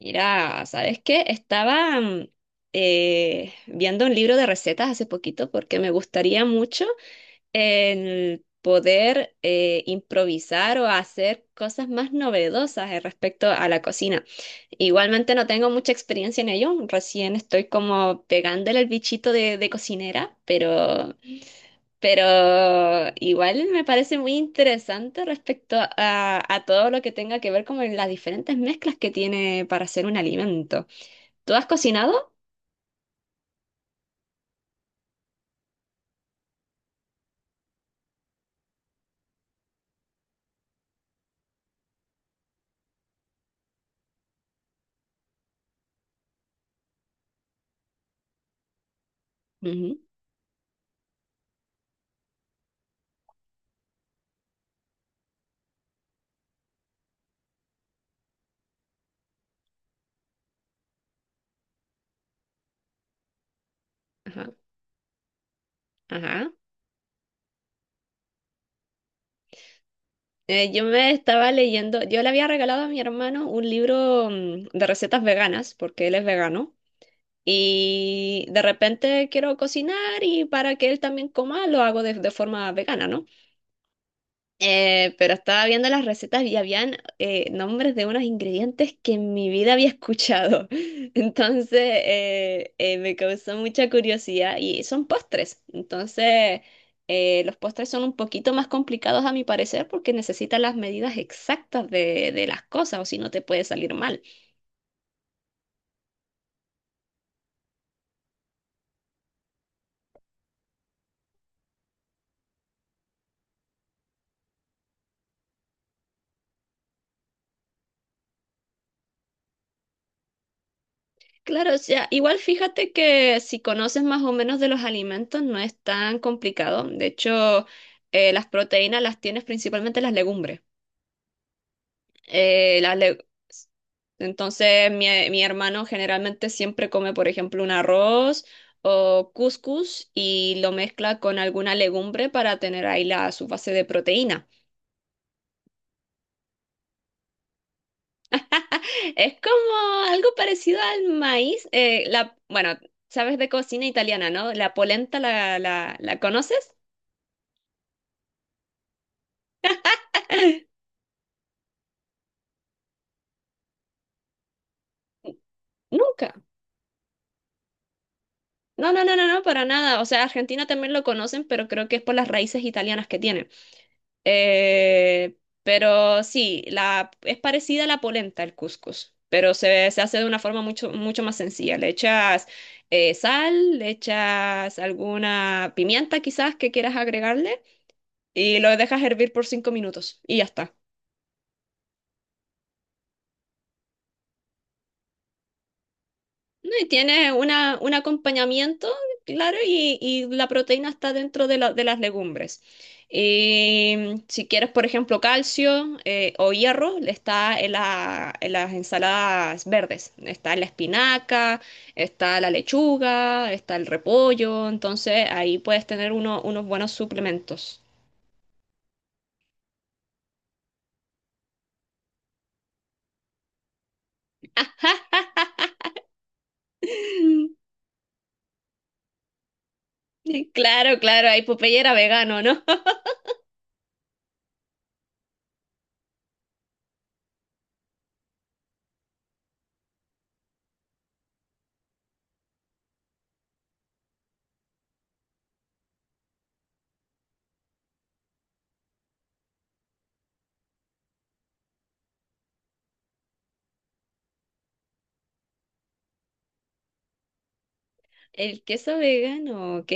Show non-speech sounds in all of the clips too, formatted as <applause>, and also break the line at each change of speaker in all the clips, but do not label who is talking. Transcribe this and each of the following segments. Mira, ¿sabes qué? Estaba viendo un libro de recetas hace poquito porque me gustaría mucho el poder improvisar o hacer cosas más novedosas respecto a la cocina. Igualmente no tengo mucha experiencia en ello, recién estoy como pegándole el bichito de cocinera, pero igual me parece muy interesante respecto a todo lo que tenga que ver como las diferentes mezclas que tiene para hacer un alimento. ¿Tú has cocinado? Ujú. Ajá, ajá. Yo me estaba leyendo, yo le había regalado a mi hermano un libro de recetas veganas, porque él es vegano, y de repente quiero cocinar y para que él también coma, lo hago de forma vegana, ¿no? Pero estaba viendo las recetas y habían nombres de unos ingredientes que en mi vida había escuchado. <laughs> Entonces me causó mucha curiosidad y son postres. Entonces los postres son un poquito más complicados a mi parecer porque necesitan las medidas exactas de las cosas o si no te puede salir mal. Claro, o sea, igual fíjate que si conoces más o menos de los alimentos no es tan complicado. De hecho, las proteínas las tienes principalmente en las legumbres. eh, las le- Entonces, mi hermano generalmente siempre come, por ejemplo, un arroz o couscous y lo mezcla con alguna legumbre para tener ahí la, su base de proteína. Es como algo parecido al maíz. Bueno, sabes de cocina italiana, ¿no? La polenta, la conoces? Nunca. No, no, no, no, no, para nada. O sea, Argentina también lo conocen, pero creo que es por las raíces italianas que tiene. Eh, pero sí, es parecida a la polenta, el cuscús, pero se hace de una forma mucho, mucho más sencilla. Le echas sal, le echas alguna pimienta quizás que quieras agregarle y lo dejas hervir por 5 minutos y ya está. No, y tiene una, un acompañamiento, claro, y la proteína está dentro de las legumbres. Y si quieres, por ejemplo, calcio o hierro, está en las ensaladas verdes. Está la espinaca, está la lechuga, está el repollo. Entonces, ahí puedes tener unos buenos suplementos. <laughs> Claro, claro, ahí Popeye era vegano, ¿no? <laughs> El queso vegano, ¿ok?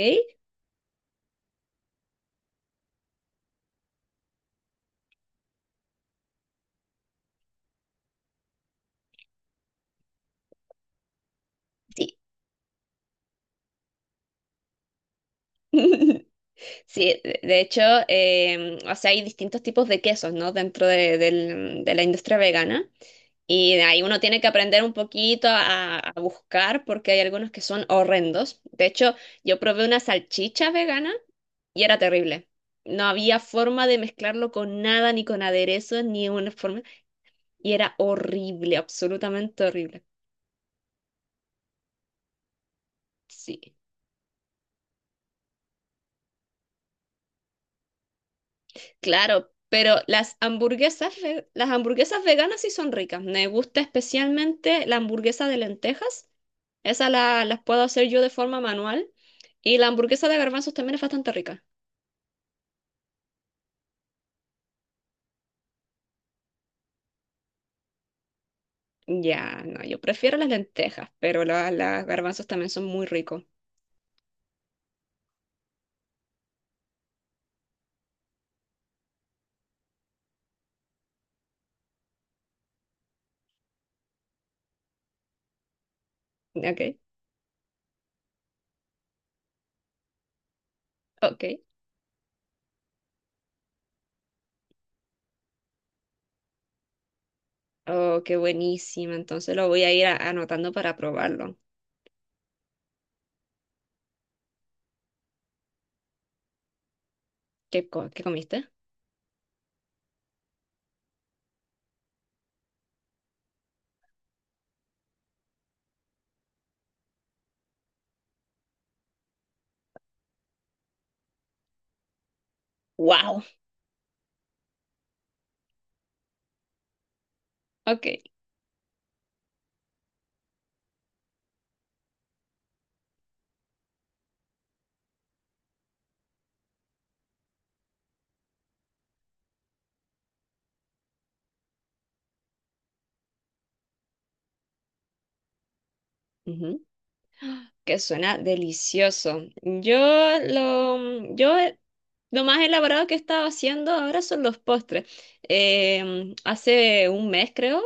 Sí. <laughs> Sí, de hecho, o sea, hay distintos tipos de quesos, ¿no? Dentro de la industria vegana. Y de ahí uno tiene que aprender un poquito a buscar porque hay algunos que son horrendos. De hecho, yo probé una salchicha vegana y era terrible. No había forma de mezclarlo con nada, ni con aderezos, ni una forma. Y era horrible, absolutamente horrible. Sí. Claro, pero las hamburguesas, las hamburguesas veganas sí son ricas. Me gusta especialmente la hamburguesa de lentejas. Esa las puedo hacer yo de forma manual. Y la hamburguesa de garbanzos también es bastante rica. Ya, no, yo prefiero las lentejas, pero las garbanzos también son muy ricos. Ok, ok. Oh, qué buenísima. Entonces lo voy a ir anotando para probarlo. ¿Qué, qué comiste? ¡Wow! Ok. Ujú, que suena delicioso. Yo Lo más elaborado que he estado haciendo ahora son los postres. Hace 1 mes, creo,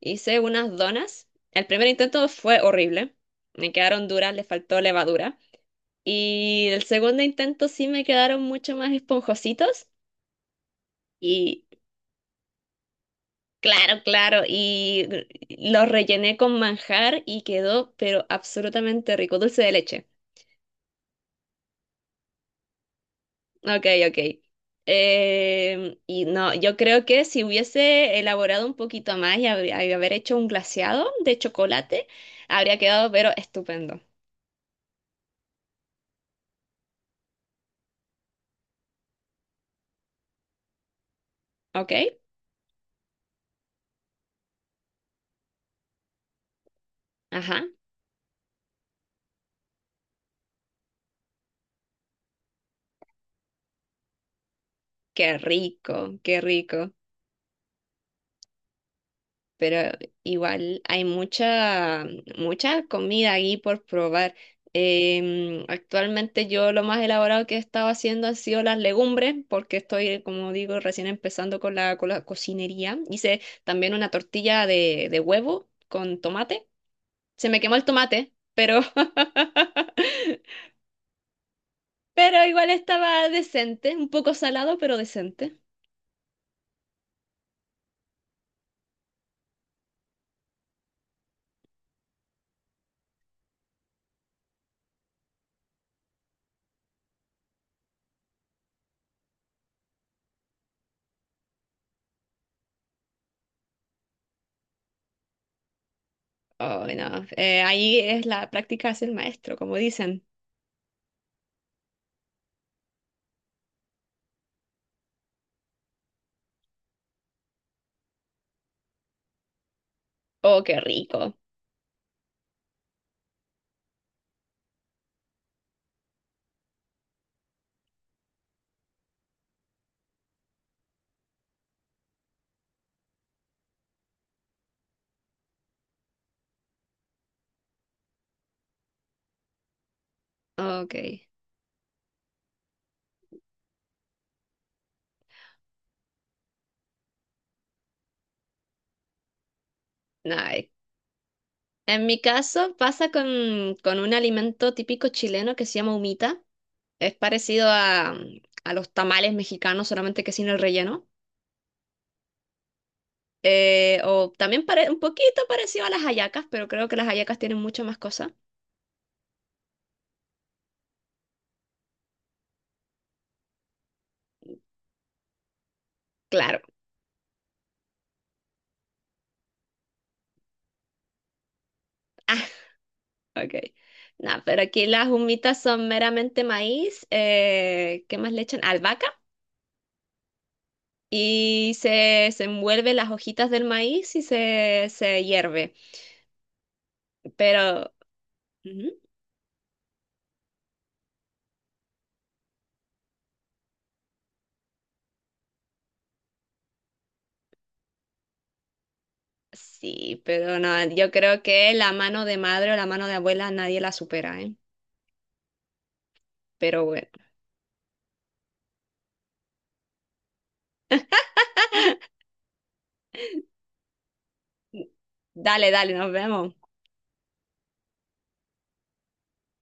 hice unas donas. El primer intento fue horrible. Me quedaron duras, le faltó levadura. Y el segundo intento sí me quedaron mucho más esponjositos. Y claro, claro. Y los rellené con manjar y quedó, pero absolutamente rico, dulce de leche. Ok, ok. Y no, yo creo que si hubiese elaborado un poquito más y haber hecho un glaseado de chocolate, habría quedado pero estupendo. ¿Ok? Ajá. Qué rico, qué rico. Pero igual hay mucha, mucha comida ahí por probar. Actualmente yo lo más elaborado que he estado haciendo han sido las legumbres, porque estoy, como digo, recién empezando con la cocinería. Hice también una tortilla de huevo con tomate. Se me quemó el tomate, pero, <laughs> pero igual estaba decente, un poco salado, pero decente. Oh, no. Ahí es la práctica, es el maestro, como dicen. Oh, qué rico. Ok, nice. En mi caso pasa con un alimento típico chileno que se llama humita. Es parecido a los tamales mexicanos, solamente que sin el relleno. O también un poquito parecido a las hallacas, pero creo que las hallacas tienen mucho más cosas. Claro. <laughs> Ah, ok. No, pero aquí las humitas son meramente maíz. ¿Qué más le echan? Albahaca. Y se envuelve las hojitas del maíz y se hierve. Pero... ujú. Sí, pero no, yo creo que la mano de madre o la mano de abuela nadie la supera, ¿eh? Pero bueno, dale, dale, nos vemos.